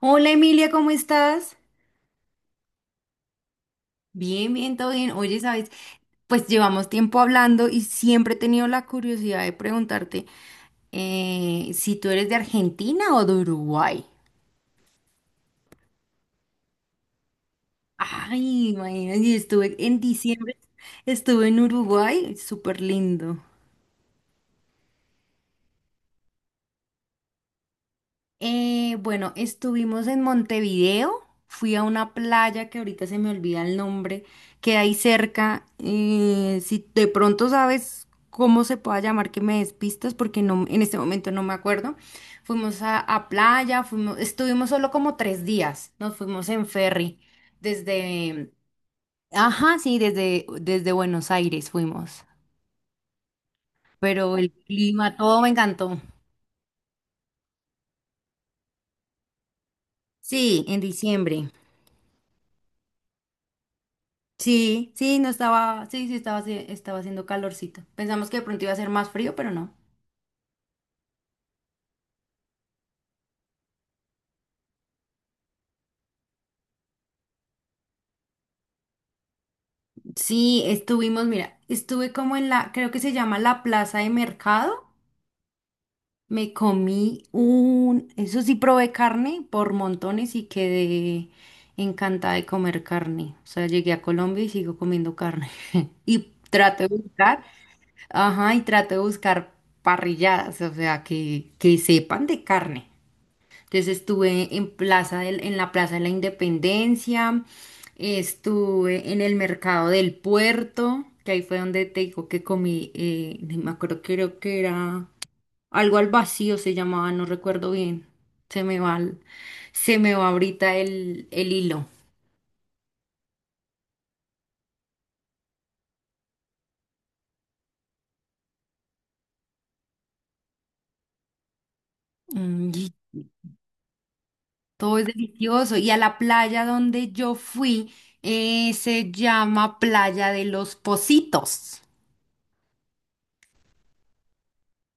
Hola Emilia, ¿cómo estás? Bien, bien, todo bien. Oye, ¿sabes? Pues llevamos tiempo hablando y siempre he tenido la curiosidad de preguntarte si tú eres de Argentina o de Uruguay. Ay, imagínate, yo estuve en diciembre, estuve en Uruguay, súper lindo. Bueno, estuvimos en Montevideo, fui a una playa que ahorita se me olvida el nombre, que hay cerca. Si de pronto sabes cómo se pueda llamar, que me despistas, porque no, en este momento no me acuerdo. Fuimos a playa, fuimos, estuvimos solo como 3 días, nos fuimos en ferry, desde, ajá, sí, desde Buenos Aires fuimos, pero el clima, todo me encantó. Sí, en diciembre. Sí, sí, no estaba, sí, sí estaba, estaba haciendo calorcito. Pensamos que de pronto iba a ser más frío, pero no. Sí, estuvimos, mira, estuve como en la, creo que se llama la plaza de mercado. Me eso sí probé carne por montones y quedé encantada de comer carne. O sea, llegué a Colombia y sigo comiendo carne. Y trato de buscar, ajá, y trato de buscar parrilladas, o sea, que sepan de carne. Entonces estuve en en la Plaza de la Independencia, estuve en el mercado del puerto, que ahí fue donde te digo que comí, ni me acuerdo, creo que era algo al vacío se llamaba, no recuerdo bien. Se me va, se me va ahorita el hilo. Mm, todo es delicioso. Y a la playa donde yo fui, se llama Playa de los Positos.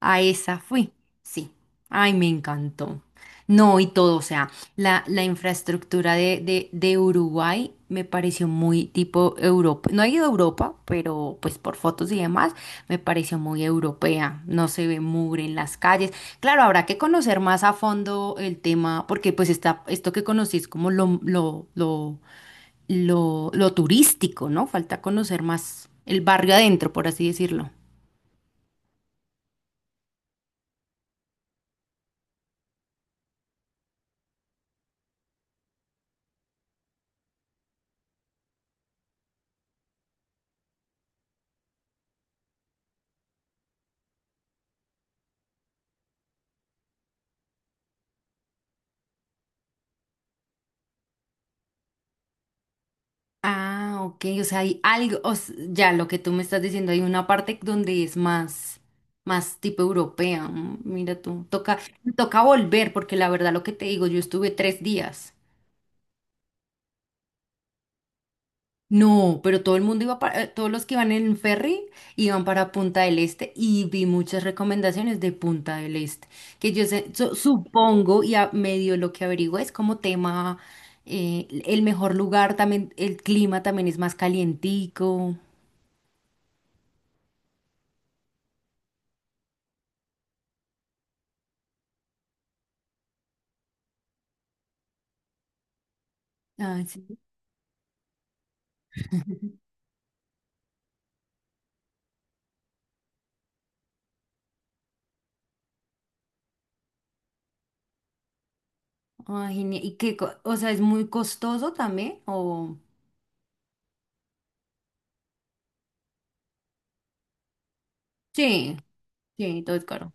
A esa fui, sí. Ay, me encantó. No, y todo, o sea, la infraestructura de Uruguay me pareció muy tipo Europa. No he ido a Europa, pero pues por fotos y demás, me pareció muy europea. No se ve mugre en las calles. Claro, habrá que conocer más a fondo el tema, porque pues está, esto que conocí es como lo turístico, ¿no? Falta conocer más el barrio adentro, por así decirlo. Ah, ok, o sea, hay algo, ya lo que tú me estás diciendo, hay una parte donde es más, más tipo europea. Mira tú, me toca volver, porque la verdad lo que te digo, yo estuve 3 días. No, pero todo el mundo todos los que iban en ferry iban para Punta del Este y vi muchas recomendaciones de Punta del Este, que supongo y a medio lo que averiguo es como tema, el mejor lugar también, el clima también es más calientico. Ah, sí. Ah, genial. ¿Y qué? O sea, ¿es muy costoso también? ¿O... Sí, sí, todo es caro.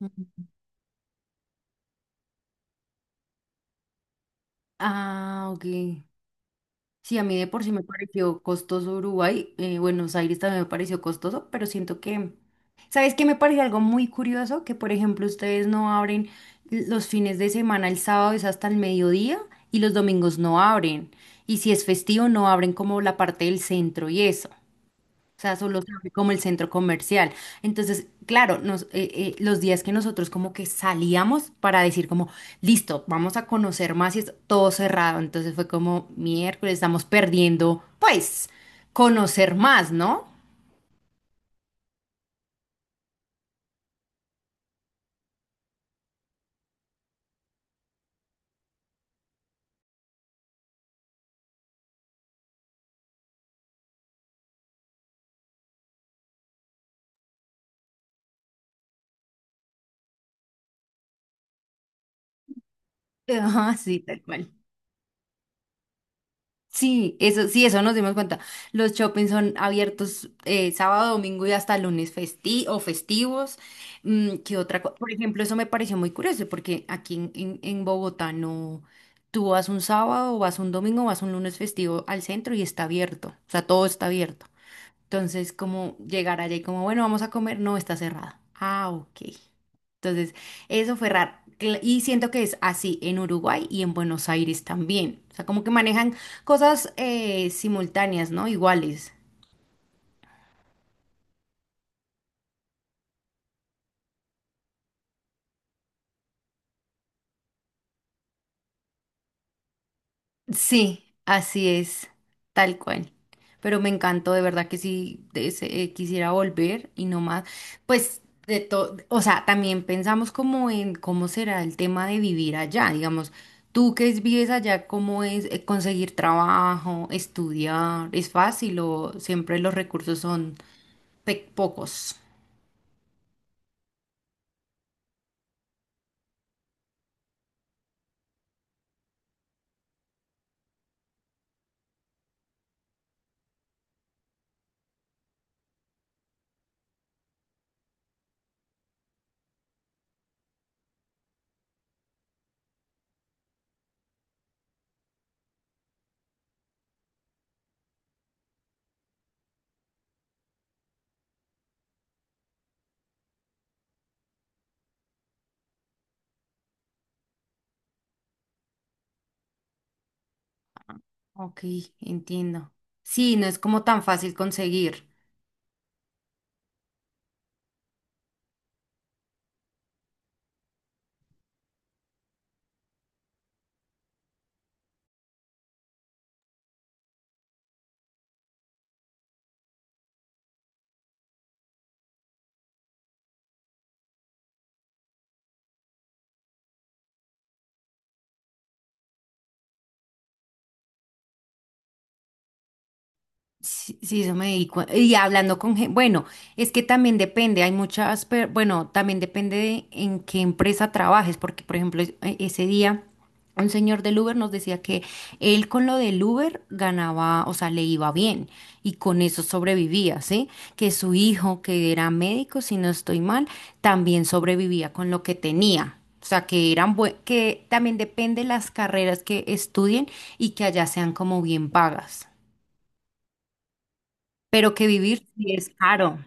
Ujú. Ah, ok. Sí, a mí de por sí me pareció costoso Uruguay. Buenos Aires también me pareció costoso, pero siento que... ¿Sabes qué me parece algo muy curioso? Que, por ejemplo, ustedes no abren los fines de semana, el sábado es hasta el mediodía y los domingos no abren. Y si es festivo, no abren como la parte del centro y eso. O sea, solo se abre como el centro comercial. Entonces, claro, los días que nosotros como que salíamos para decir como, listo, vamos a conocer más y es todo cerrado. Entonces fue como, miércoles, estamos perdiendo, pues, conocer más, ¿no? Ajá, sí, tal cual. Sí, eso nos dimos cuenta. Los shoppings son abiertos sábado, domingo y hasta lunes festi o festivos. Mm, ¿qué otra cosa? Por ejemplo, eso me pareció muy curioso porque aquí en Bogotá no, tú vas un sábado, vas un domingo, vas un lunes festivo al centro y está abierto. O sea, todo está abierto. Entonces, como llegar allá y como, bueno, vamos a comer, no está cerrada. Ah, ok. Entonces, eso fue raro. Y siento que es así en Uruguay y en Buenos Aires también. O sea, como que manejan cosas simultáneas, ¿no? Iguales. Sí, así es, tal cual. Pero me encantó, de verdad que sí quisiera volver y no más. Pues de todo, o sea, también pensamos como en cómo será el tema de vivir allá, digamos, tú vives allá, ¿cómo es conseguir trabajo, estudiar? ¿Es fácil o siempre los recursos son pocos? Ok, entiendo. Sí, no es como tan fácil conseguir. Sí, sí, eso me di cuen- y hablando con gente, bueno, es que también depende, hay muchas, bueno, también depende de en qué empresa trabajes, porque por ejemplo, ese día un señor del Uber nos decía que él con lo del Uber ganaba, o sea, le iba bien y con eso sobrevivía, ¿sí? Que su hijo, que era médico, si no estoy mal, también sobrevivía con lo que tenía. O sea, que eran que también depende las carreras que estudien y que allá sean como bien pagas pero que vivir sí es caro.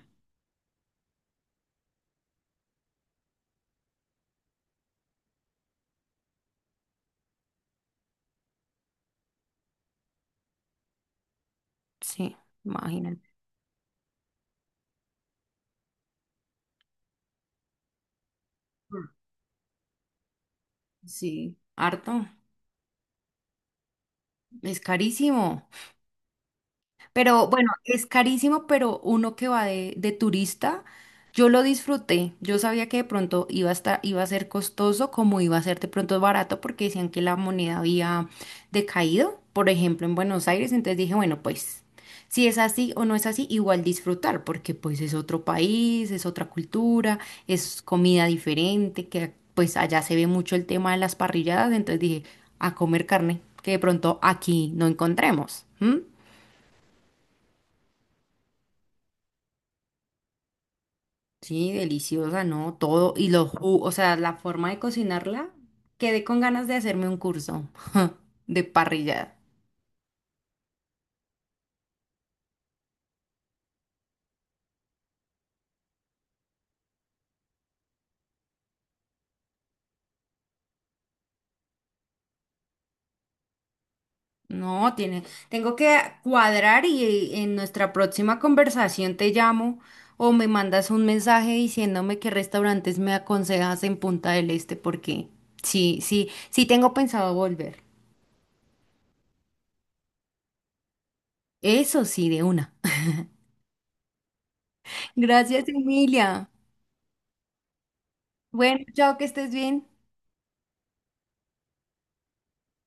Sí, imagínate. Mm. Sí, harto, es carísimo. Pero bueno, es carísimo, pero uno que va de turista, yo lo disfruté. Yo sabía que de pronto iba a estar, iba a ser costoso, como iba a ser de pronto barato, porque decían que la moneda había decaído, por ejemplo, en Buenos Aires. Entonces dije, bueno, pues si es así o no es así, igual disfrutar, porque pues es otro país, es otra cultura, es comida diferente, que pues allá se ve mucho el tema de las parrilladas. Entonces dije, a comer carne, que de pronto aquí no encontremos. ¿M? Sí, deliciosa, ¿no? Todo. Y los jugos, o sea, la forma de cocinarla, quedé con ganas de hacerme un curso de parrillada. No, tiene, tengo que cuadrar y en nuestra próxima conversación te llamo o me mandas un mensaje diciéndome qué restaurantes me aconsejas en Punta del Este, porque sí, sí, sí tengo pensado volver. Eso sí, de una. Gracias, Emilia. Bueno, chao, que estés bien.